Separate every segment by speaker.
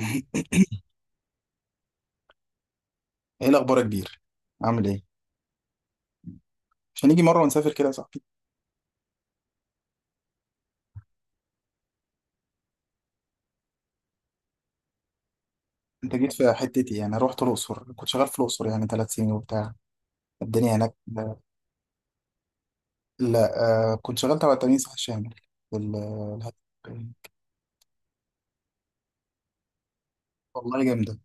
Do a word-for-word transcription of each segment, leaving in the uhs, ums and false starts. Speaker 1: ايه الاخبار يا كبير؟ عامل ايه؟ مش هنيجي مره ونسافر كده يا صاحبي؟ انت جيت في حتتي، يعني رحت الاقصر، كنت شغال في الاقصر يعني ثلاث سنين وبتاع. الدنيا هناك؟ لا، لا، آه كنت شغال تبع التأمين الصحي الشامل في ال- الهد- والله جامده.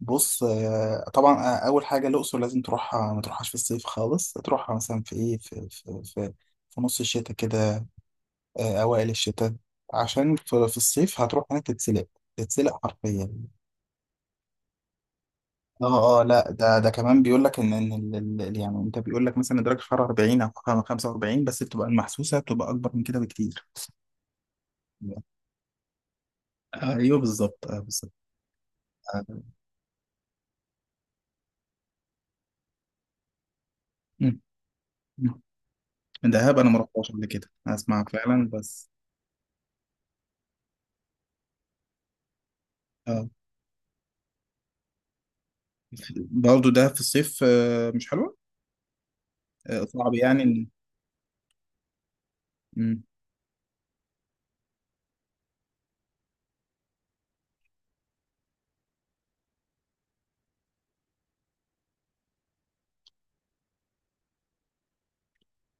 Speaker 1: بص، آه طبعا. آه اول حاجه الاقصر لازم تروحها، ما تروحهاش في الصيف خالص، تروحها مثلا في ايه، في في في, في نص الشتاء كده، آه اوائل الشتاء، عشان في, في الصيف هتروح هناك تتسلق، تتسلق حرفيا. اه اه لا، ده ده كمان بيقول لك ان ان ال- ال- ال- يعني انت بيقول لك مثلا درجه الحراره أربعين او خمسة وأربعين، بس بتبقى المحسوسه بتبقى اكبر من كده بكتير. ايوه بالظبط، اه بالظبط. آه. مم. مم. دهب انا ما رحتهاش قبل كده، اسمع فعلا بس. اه، برضه ده في الصيف، آه، مش حلوه. آه، صعب يعني إن- مم.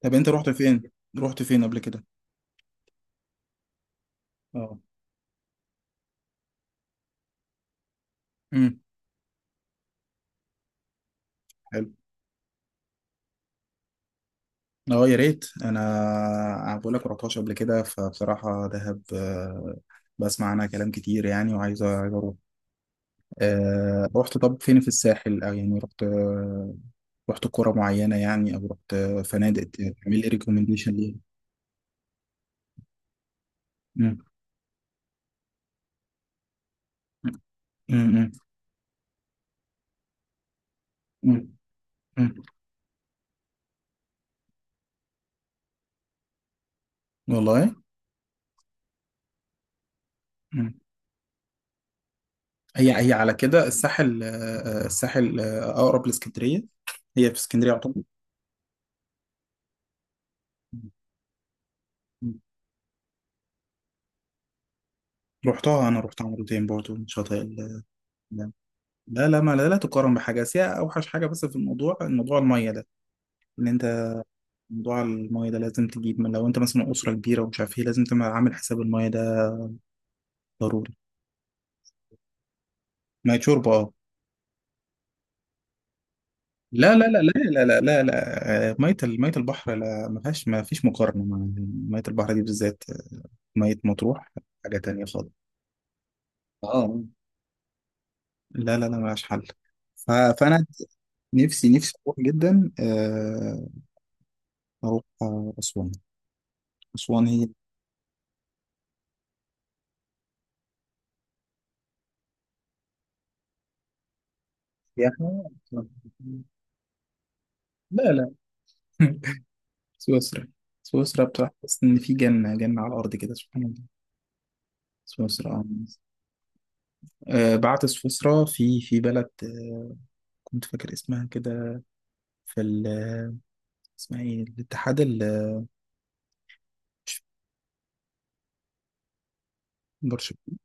Speaker 1: طب انت رحت فين؟ رحت فين قبل كده؟ اه. امم. اه يا ريت، انا بقول لك رحتهاش قبل كده، فبصراحه دهب آه، بسمع عنها كلام كتير يعني، وعايز، عايز اروح. آه، رحت طب فين؟ في الساحل، او يعني رحت، آه، رحت قرى معينه يعني، او رحت آه، فنادق؟ تعمل لي ريكومنديشن ليها. مم. مم. مم. مم. والله. مم. هي هي على كده الساحل، آه، آه، الساحل آه، اقرب لاسكندريه. هي في اسكندريه يعتبر. مم. رحتها، انا رحتها مرتين برضو شاطئ. لا لا ما لا, لا تقارن بحاجة، بس هي أوحش حاجة بس في الموضوع، الموضوع المية ده، إن أنت موضوع المية ده لازم تجيب، من لو أنت مثلا أسرة كبيرة ومش عارف إيه، لازم تبقى عامل حساب المية ده ضروري. مية شرب أه. لا لا لا لا لا لا لا لا آه، مية ال- مية البحر، لا، ما فيهاش، ما فيش مقارنة مع مية البحر دي بالذات. مية مطروح حاجة تانية خالص. أه. لا لا لا، ملهاش حل. ف- فأنا نفسي، نفسي أروح جدا، آه، أروح آه، أسوان. أسوان هي. سياحة. لا لا. سويسرا. سويسرا بتاعت، بس ان في جنة، جنة على الارض كده سبحان الله. سويسرا. آه. آه، بعت سويسرا، في في بلد آه، كنت فاكر اسمها كده، في ال- اسمها ايه، الاتحاد ال- برشلونة.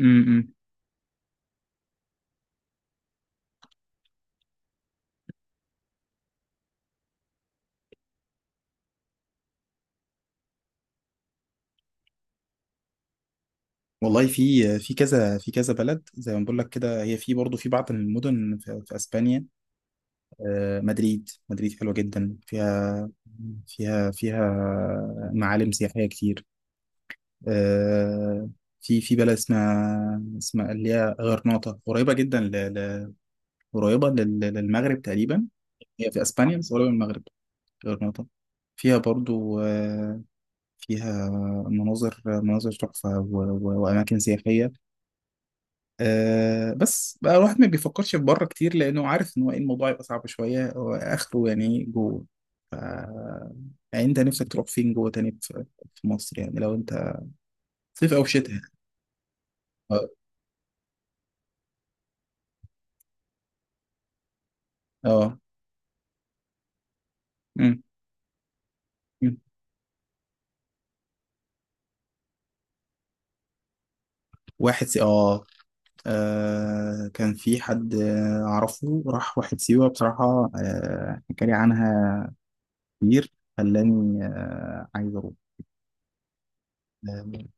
Speaker 1: امم. والله في في كذا في كذا بلد زي ما بقول لك كده. هي في برضه في بعض المدن في, في اسبانيا، آه، مدريد، مدريد حلوه جدا، فيها، فيها فيها معالم سياحيه كتير. آه، في في بلد اسمها، اسمها اللي هي غرناطة، قريبة جدا ل... ل... قريبة لل... للمغرب تقريبا. هي في اسبانيا بس قريبة من المغرب. غرناطة فيها برضو آه، فيها مناظر، مناظر تحفة و... و... وأماكن سياحية. آه، بس بقى الواحد ما بيفكرش في بره كتير لأنه عارف إن هو إيه، الموضوع يبقى صعب شوية وآخره يعني جوه. ف... يعني أنت نفسك تروح فين جوه تاني في في مصر يعني لو أنت؟ صيف أو شتاء يعني. اه. آه. مم. واحد سي... آه. آه كان في حد آه، أعرفه راح واحد سيوة بصراحة، آه حكى لي عنها كتير، خلاني آه عايز أروح. آه.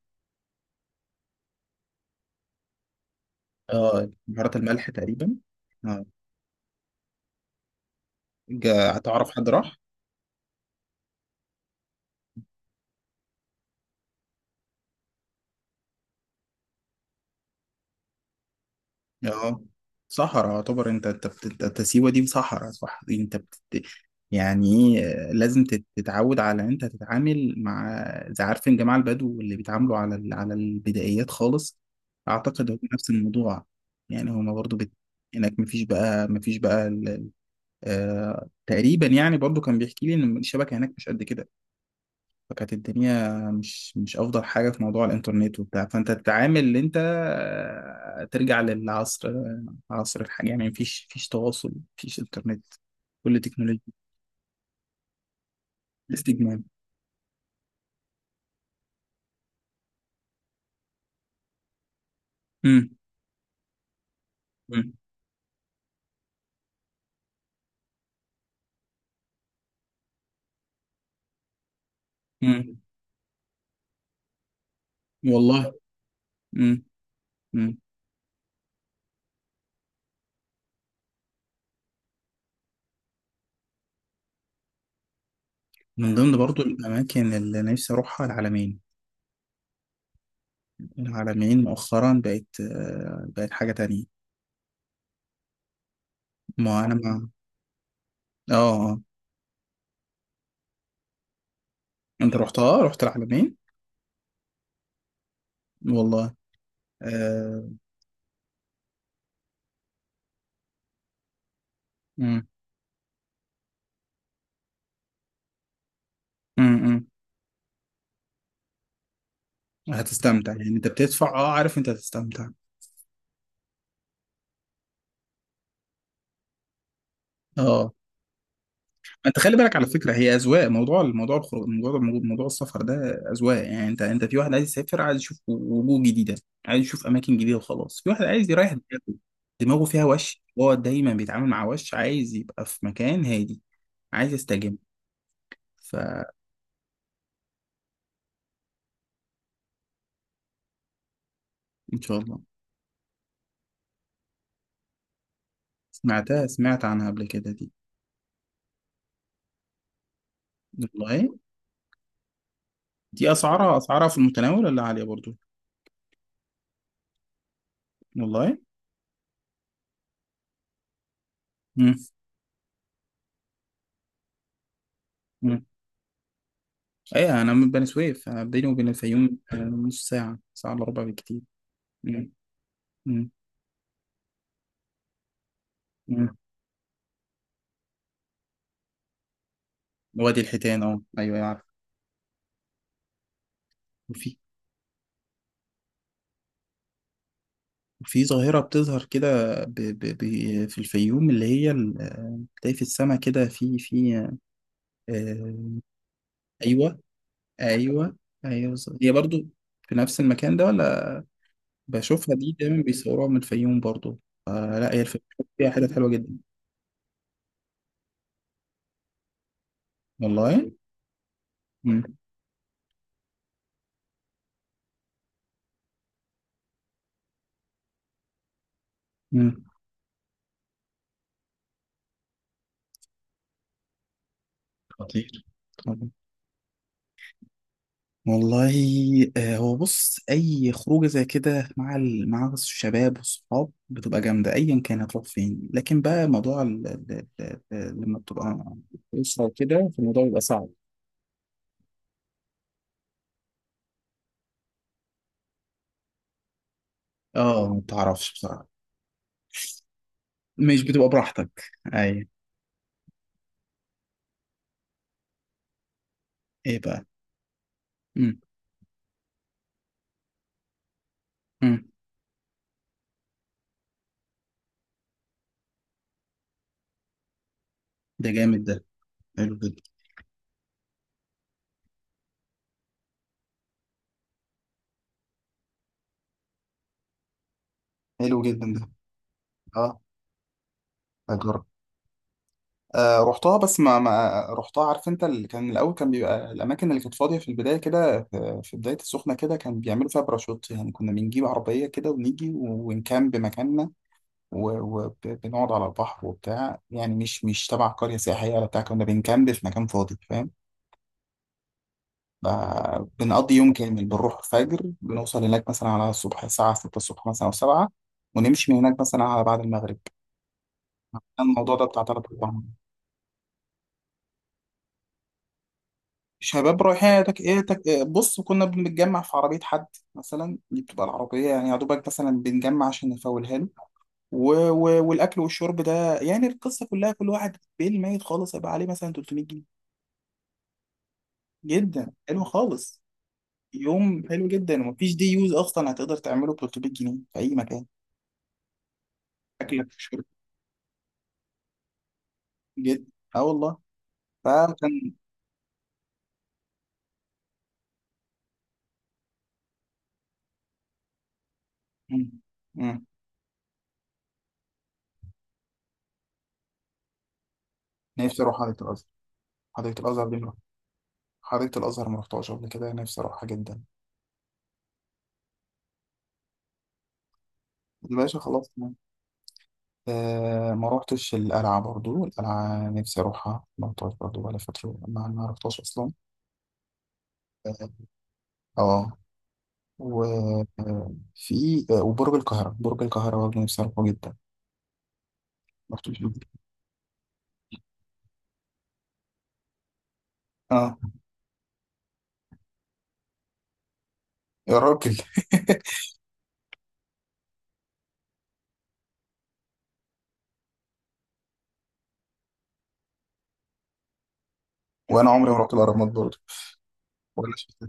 Speaker 1: آه، بهارات الملح تقريبا. آه. جا- تعرف حد راح؟ اه. صحراء يعتبر. انت انت بت- انت أنت سيوة دي صحراء صح، دي انت بتت... يعني ايه، آه، لازم تت- تتعود على ان انت تتعامل مع زي، عارفين جماعة البدو اللي بيتعاملوا على ال... على البدائيات خالص. اعتقد هو نفس الموضوع. يعني هما برضو بت... هناك مفيش بقى، مفيش بقى ال... آه... تقريبا يعني. برضو كان بيحكي لي ان الشبكة هناك مش قد كده، فكانت الدنيا مش مش افضل حاجه في موضوع الانترنت وبتاع، فانت تتعامل ان انت آه، ترجع للعصر آه، عصر الحاجه، يعني مفيش، مفيش تواصل، مفيش انترنت، كل تكنولوجيا. استجمام. امم. امم. أمم. والله. امم. امم. من ضمن برضو الاماكن اللي نفسي اروحها العلمين. العلمين مؤخرا بقت آه، بقت حاجه تانية. ما انا ما اه. آه. انت رحتها، رحت العلمين؟ والله. آه. امم. امم. هتستمتع يعني، انت بتدفع، اه، عارف انت هتستمتع. اه، انت خلي بالك على فكره، هي اذواق، موضوع، موضوع الخروج، موضوع، موضوع السفر ده اذواق، يعني انت، انت في واحد عايز يسافر، عايز يشوف وجوه جديده، عايز يشوف اماكن جديده وخلاص، في واحد عايز يريح دماغه، دماغه فيها وش، هو دايما بيتعامل مع وش، عايز يبقى في مكان هادي، عايز يستجم. فان شاء الله. سمعتها، سمعت عنها قبل كده دي. والله دي اسعارها، اسعارها في المتناول ولا عاليه برضو؟ والله. مم. ايه، انا من بني سويف، انا بيني وبين الفيوم آه، نص ساعة، ساعة الا ربع بكتير. مم. مم. مم. وادي الحيتان، اه ايوه يعرف. وفي. وفي ظاهرة بتظهر كده، ب... ب... ب... في الفيوم اللي هي ال- آه، بتلاقي في السماء كده في في آه... ايوه. ايوه. ايوه. ز- هي برضو في نفس المكان ده ولا؟ بشوفها، دي دايما بيصوروها من الفيوم برضو. آه لا، هي الفيوم فيها حتت حلوة جدا. والله. مم. مم. خطير. والله. آه، هو بص، اي خروجه زي كده مع ال... مع الشباب والصحاب بتبقى جامده، ايا كان هتروح فين. لكن بقى موضوع ال... ال... ال... ال- لما بتبقى اسره وكده، فالموضوع بيبقى صعب. اه، ما بتعرفش بصراحه، مش بتبقى براحتك. اي. ايه بقى؟ امم. امم. ده جامد ده. حلو جدا. حلو جدا ده. اه. أجرب. آه، رحتها بس ما, ما رحتها، عارف انت، اللي كان الاول كان بيبقى الاماكن اللي كانت فاضيه في البدايه كده، في في بدايه السخنه كده كان بيعملوا فيها باراشوت، يعني كنا بنجيب عربيه كده ونيجي ونكامب مكاننا وبنقعد على البحر وبتاع، يعني مش مش تبع قريه سياحيه ولا بتاع، كنا بنكامب في مكان فاضي فاهم. ب- بنقضي يوم كامل، بنروح الفجر بنوصل هناك مثلا على الصبح الساعه ستة الصبح مثلا او سبعة، ونمشي من هناك مثلا على بعد المغرب. كان الموضوع ده بتاع تلات شباب رايحين ايه تك... إيه تك... إيه بص كنا بنتجمع في عربية حد مثلا، دي بتبقى العربية، يعني يا دوبك مثلا بنجمع عشان نفولها له و... و... والأكل والشرب ده، يعني القصة كلها كل واحد بيل ميت خالص هيبقى عليه مثلا تلتمية جنيه. جدا حلو خالص. يوم حلو جدا، ومفيش دي يوز أصلا هتقدر تعمله ب تلتمية جنيه في أي مكان. أكلك وشربك. جدا. أه والله. فكان. مم. مم. نفسي أروح حديقة الأزهر. حديقة الأزهر دي مرة- حديقة الأزهر ما رحتهاش قبل كده، نفسي أروحها جدا. الباشا خلاص. آه ما روحتش القلعة برضو، القلعة نفسي أروحها، ما روحتهاش برضو، بقالي فترة ما ما روحتهاش أصلا. اه. آه، وفي آه، وبرج القاهرة، برج القاهرة برضه نفسي أروحه جدا. ما رحتوش قبل كده. اه، يا راجل. وأنا عمري ما رحت الأهرامات برضه ولا شفت.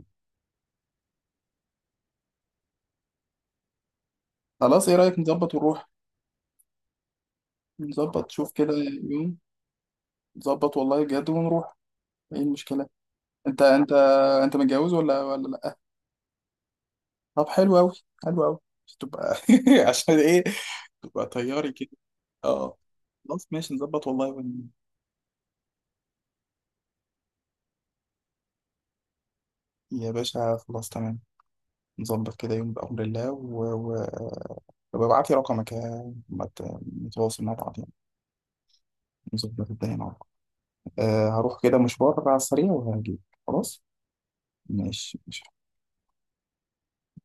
Speaker 1: خلاص، إيه رأيك نظبط ونروح؟ نظبط شوف كده يوم. نظبط والله بجد ونروح. إيه المشكلة؟ أنت أنت أنت متجوز ولا ولا لأ؟ طب حلو أوي. حلو أوي. تبقى عشان إيه تبقى طياري كده. اه. خلاص ماشي، نظبط والله ون... يا باشا خلاص تمام، نظبط كده يوم بأمر الله و... و... طب ابعت لي رقمك، يا- ما ت- نتواصل مع بعض يعني، نظبط الدنيا مع بعض. أه، هروح كده مشوار على السريع وهجيلك. خلاص ماشي ماشي.